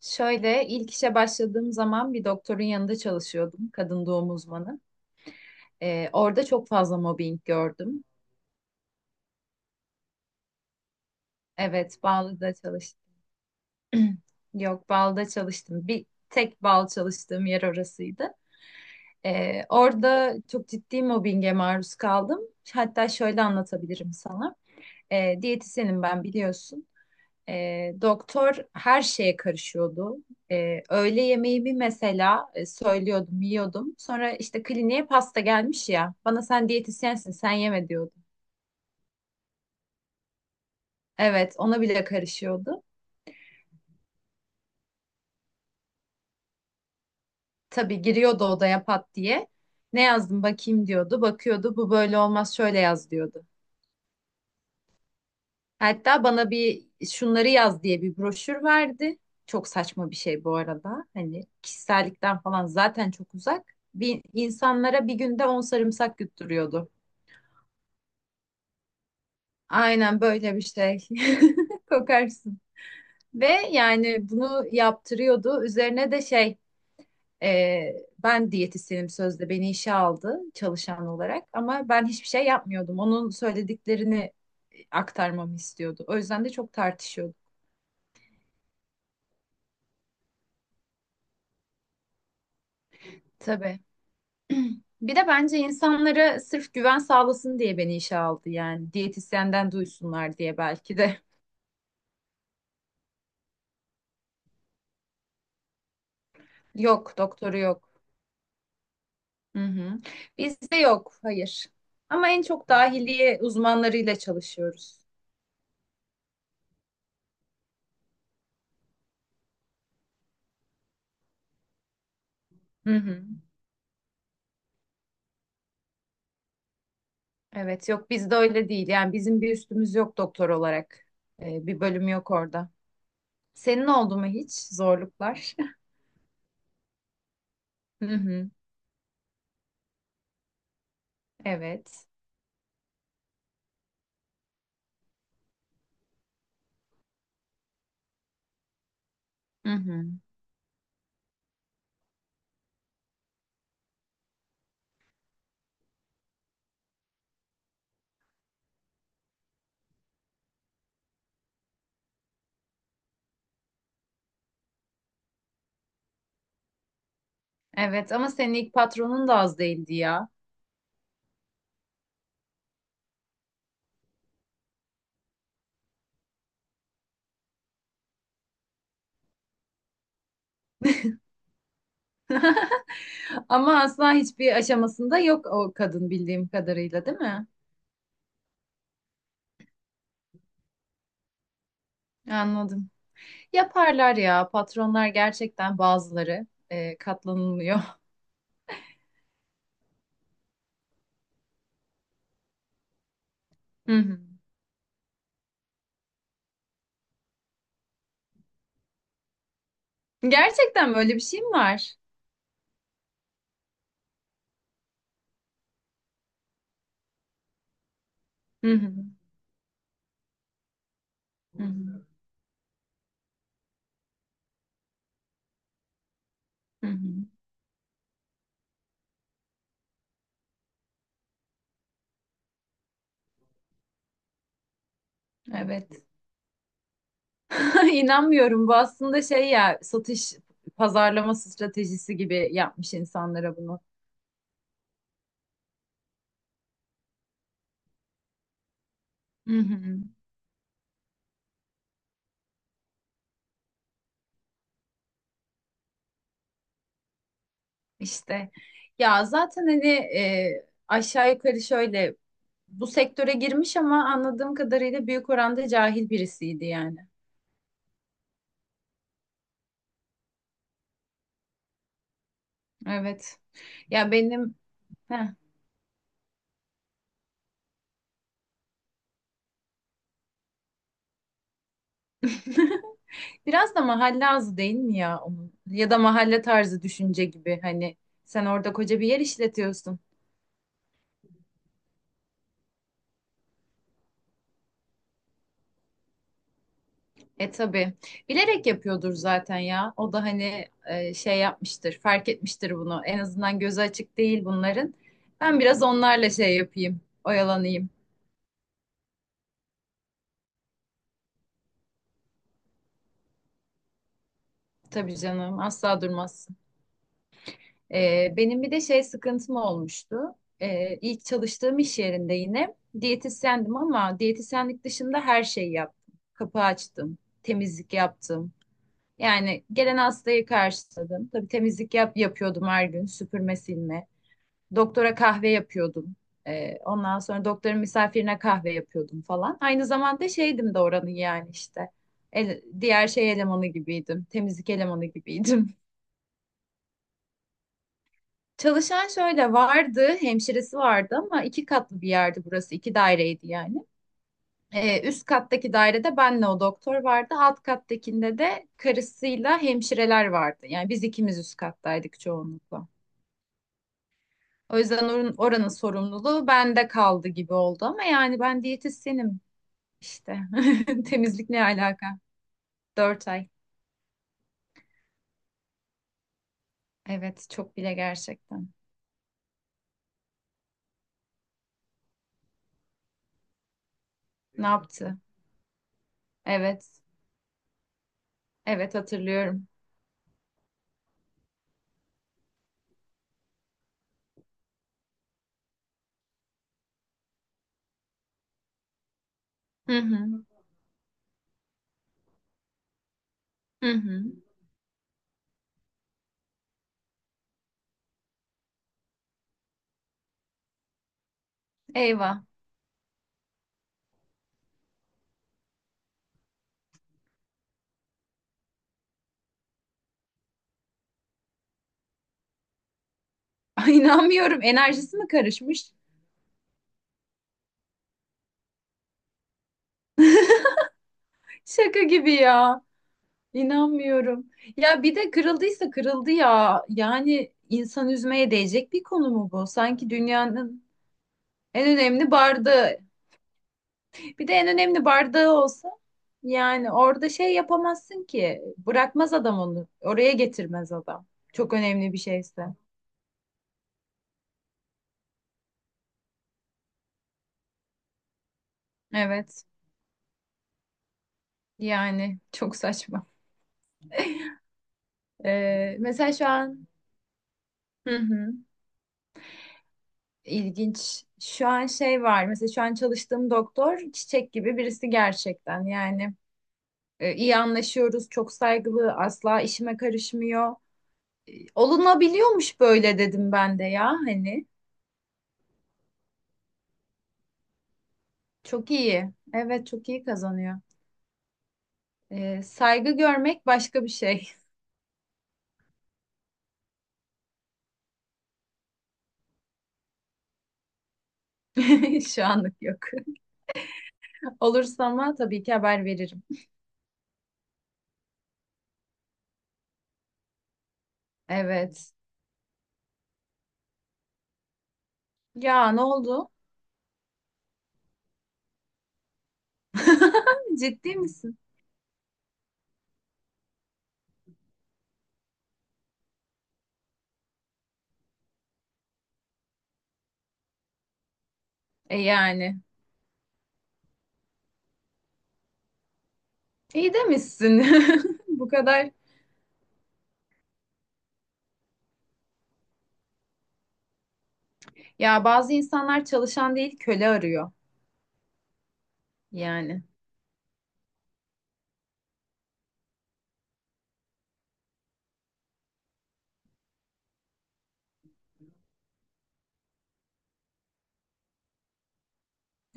Şöyle ilk işe başladığım zaman bir doktorun yanında çalışıyordum, kadın doğum uzmanı. Orada çok fazla mobbing gördüm. Evet, Ballı'da çalıştım. Yok, Bal'da çalıştım. Bir tek Bal çalıştığım yer orasıydı. Orada çok ciddi mobbinge maruz kaldım. Hatta şöyle anlatabilirim sana. Diyetisyenim ben biliyorsun. Doktor her şeye karışıyordu. Öğle yemeği bir mesela söylüyordum, yiyordum. Sonra işte kliniğe pasta gelmiş ya. Bana sen diyetisyensin, sen yeme diyordu. Evet, ona bile karışıyordu. Tabii giriyordu odaya pat diye. Ne yazdım bakayım diyordu. Bakıyordu, bu böyle olmaz şöyle yaz diyordu. Hatta bana bir şunları yaz diye bir broşür verdi. Çok saçma bir şey bu arada. Hani kişisellikten falan zaten çok uzak. Bir, insanlara bir günde 10 sarımsak yutturuyordu. Aynen böyle bir şey. Kokarsın. Ve yani bunu yaptırıyordu. Üzerine de şey e, ben diyetisyenim sözde beni işe aldı çalışan olarak ama ben hiçbir şey yapmıyordum. Onun söylediklerini aktarmamı istiyordu. O yüzden de çok tartışıyorduk. Tabii. Bir de bence insanlara sırf güven sağlasın diye beni işe aldı yani. Diyetisyenden duysunlar diye belki de. Yok doktoru yok. Hı hı. Bizde yok, hayır. Ama en çok dahiliye uzmanlarıyla çalışıyoruz. Hı hı. Evet, yok bizde öyle değil. Yani bizim bir üstümüz yok doktor olarak. Bir bölüm yok orada. Senin oldu mu hiç zorluklar? Hı hı. Evet. Hı hı. Evet ama senin ilk patronun da az değildi ya. Ama asla hiçbir aşamasında yok o kadın bildiğim kadarıyla, değil mi? Anladım. Yaparlar ya patronlar, gerçekten bazıları katlanılmıyor. Hı hı. Gerçekten böyle bir şey mi var? Hı hı. Hı hı. Hı hı. Evet. İnanmıyorum. Bu aslında şey ya, satış pazarlama stratejisi gibi yapmış insanlara bunu. Hı hı. İşte ya zaten hani aşağı yukarı şöyle bu sektöre girmiş ama anladığım kadarıyla büyük oranda cahil birisiydi yani. Evet. Ya benim. Heh. Biraz da mahalle ağzı değil mi ya onun? Ya da mahalle tarzı düşünce gibi, hani sen orada koca bir yer işletiyorsun. E tabii. Bilerek yapıyordur zaten ya. O da hani şey yapmıştır, fark etmiştir bunu. En azından gözü açık değil bunların. Ben biraz onlarla şey yapayım, oyalanayım. Tabii canım, asla durmaz. Benim bir de şey sıkıntım olmuştu. İlk çalıştığım iş yerinde yine diyetisyendim ama diyetisyenlik dışında her şeyi yaptım. Kapı açtım, temizlik yaptım. Yani gelen hastayı karşıladım. Tabii temizlik yapıyordum her gün, süpürme, silme. Doktora kahve yapıyordum. Ondan sonra doktorun misafirine kahve yapıyordum falan. Aynı zamanda şeydim de oranın yani işte. Diğer şey elemanı gibiydim. Temizlik elemanı gibiydim. Çalışan şöyle vardı, hemşiresi vardı ama iki katlı bir yerdi burası, iki daireydi yani. Üst kattaki dairede benle o doktor vardı, alt kattakinde de karısıyla hemşireler vardı. Yani biz ikimiz üst kattaydık çoğunlukla. O yüzden oranın, oranın sorumluluğu bende kaldı gibi oldu ama yani ben diyetisyenim işte. Temizlik ne alaka? Dört ay. Evet, çok bile gerçekten. Ne yaptı? Evet, evet hatırlıyorum. Hı hı. Hı hı. Eyvah. Ay, İnanmıyorum. Enerjisi mi karışmış? Şaka gibi ya. İnanmıyorum. Ya bir de kırıldıysa kırıldı ya. Yani insan üzmeye değecek bir konu mu bu? Sanki dünyanın en önemli bardağı. Bir de en önemli bardağı olsa yani orada şey yapamazsın ki. Bırakmaz adam onu. Oraya getirmez adam. Çok önemli bir şeyse. Evet. Yani çok saçma. Mesela şu an. Hı hı. İlginç. Şu an şey var, mesela şu an çalıştığım doktor çiçek gibi birisi gerçekten yani, iyi anlaşıyoruz çok saygılı asla işime karışmıyor. Olunabiliyormuş böyle dedim ben de ya hani çok iyi, evet çok iyi kazanıyor. E, saygı görmek başka bir şey. Şu anlık yok. Olursa ama tabii ki haber veririm. Evet ya, ne oldu? Ciddi misin? E yani iyi demişsin. Bu kadar. Ya bazı insanlar çalışan değil köle arıyor yani.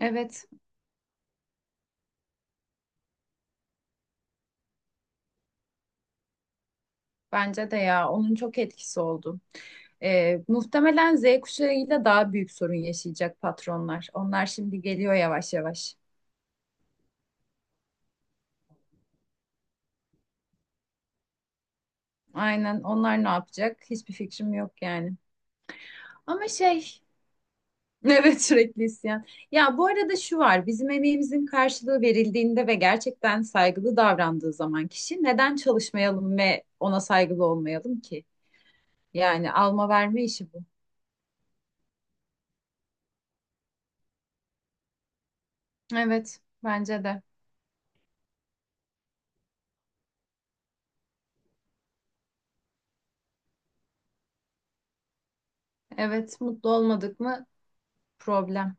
Evet, bence de ya, onun çok etkisi oldu. Muhtemelen Z kuşağıyla daha büyük sorun yaşayacak patronlar. Onlar şimdi geliyor yavaş yavaş. Aynen, onlar ne yapacak? Hiçbir fikrim yok yani. Ama şey. Evet, sürekli isyan. Ya bu arada şu var, bizim emeğimizin karşılığı verildiğinde ve gerçekten saygılı davrandığı zaman kişi neden çalışmayalım ve ona saygılı olmayalım ki? Yani alma verme işi bu. Evet, bence de. Evet, mutlu olmadık mı problem.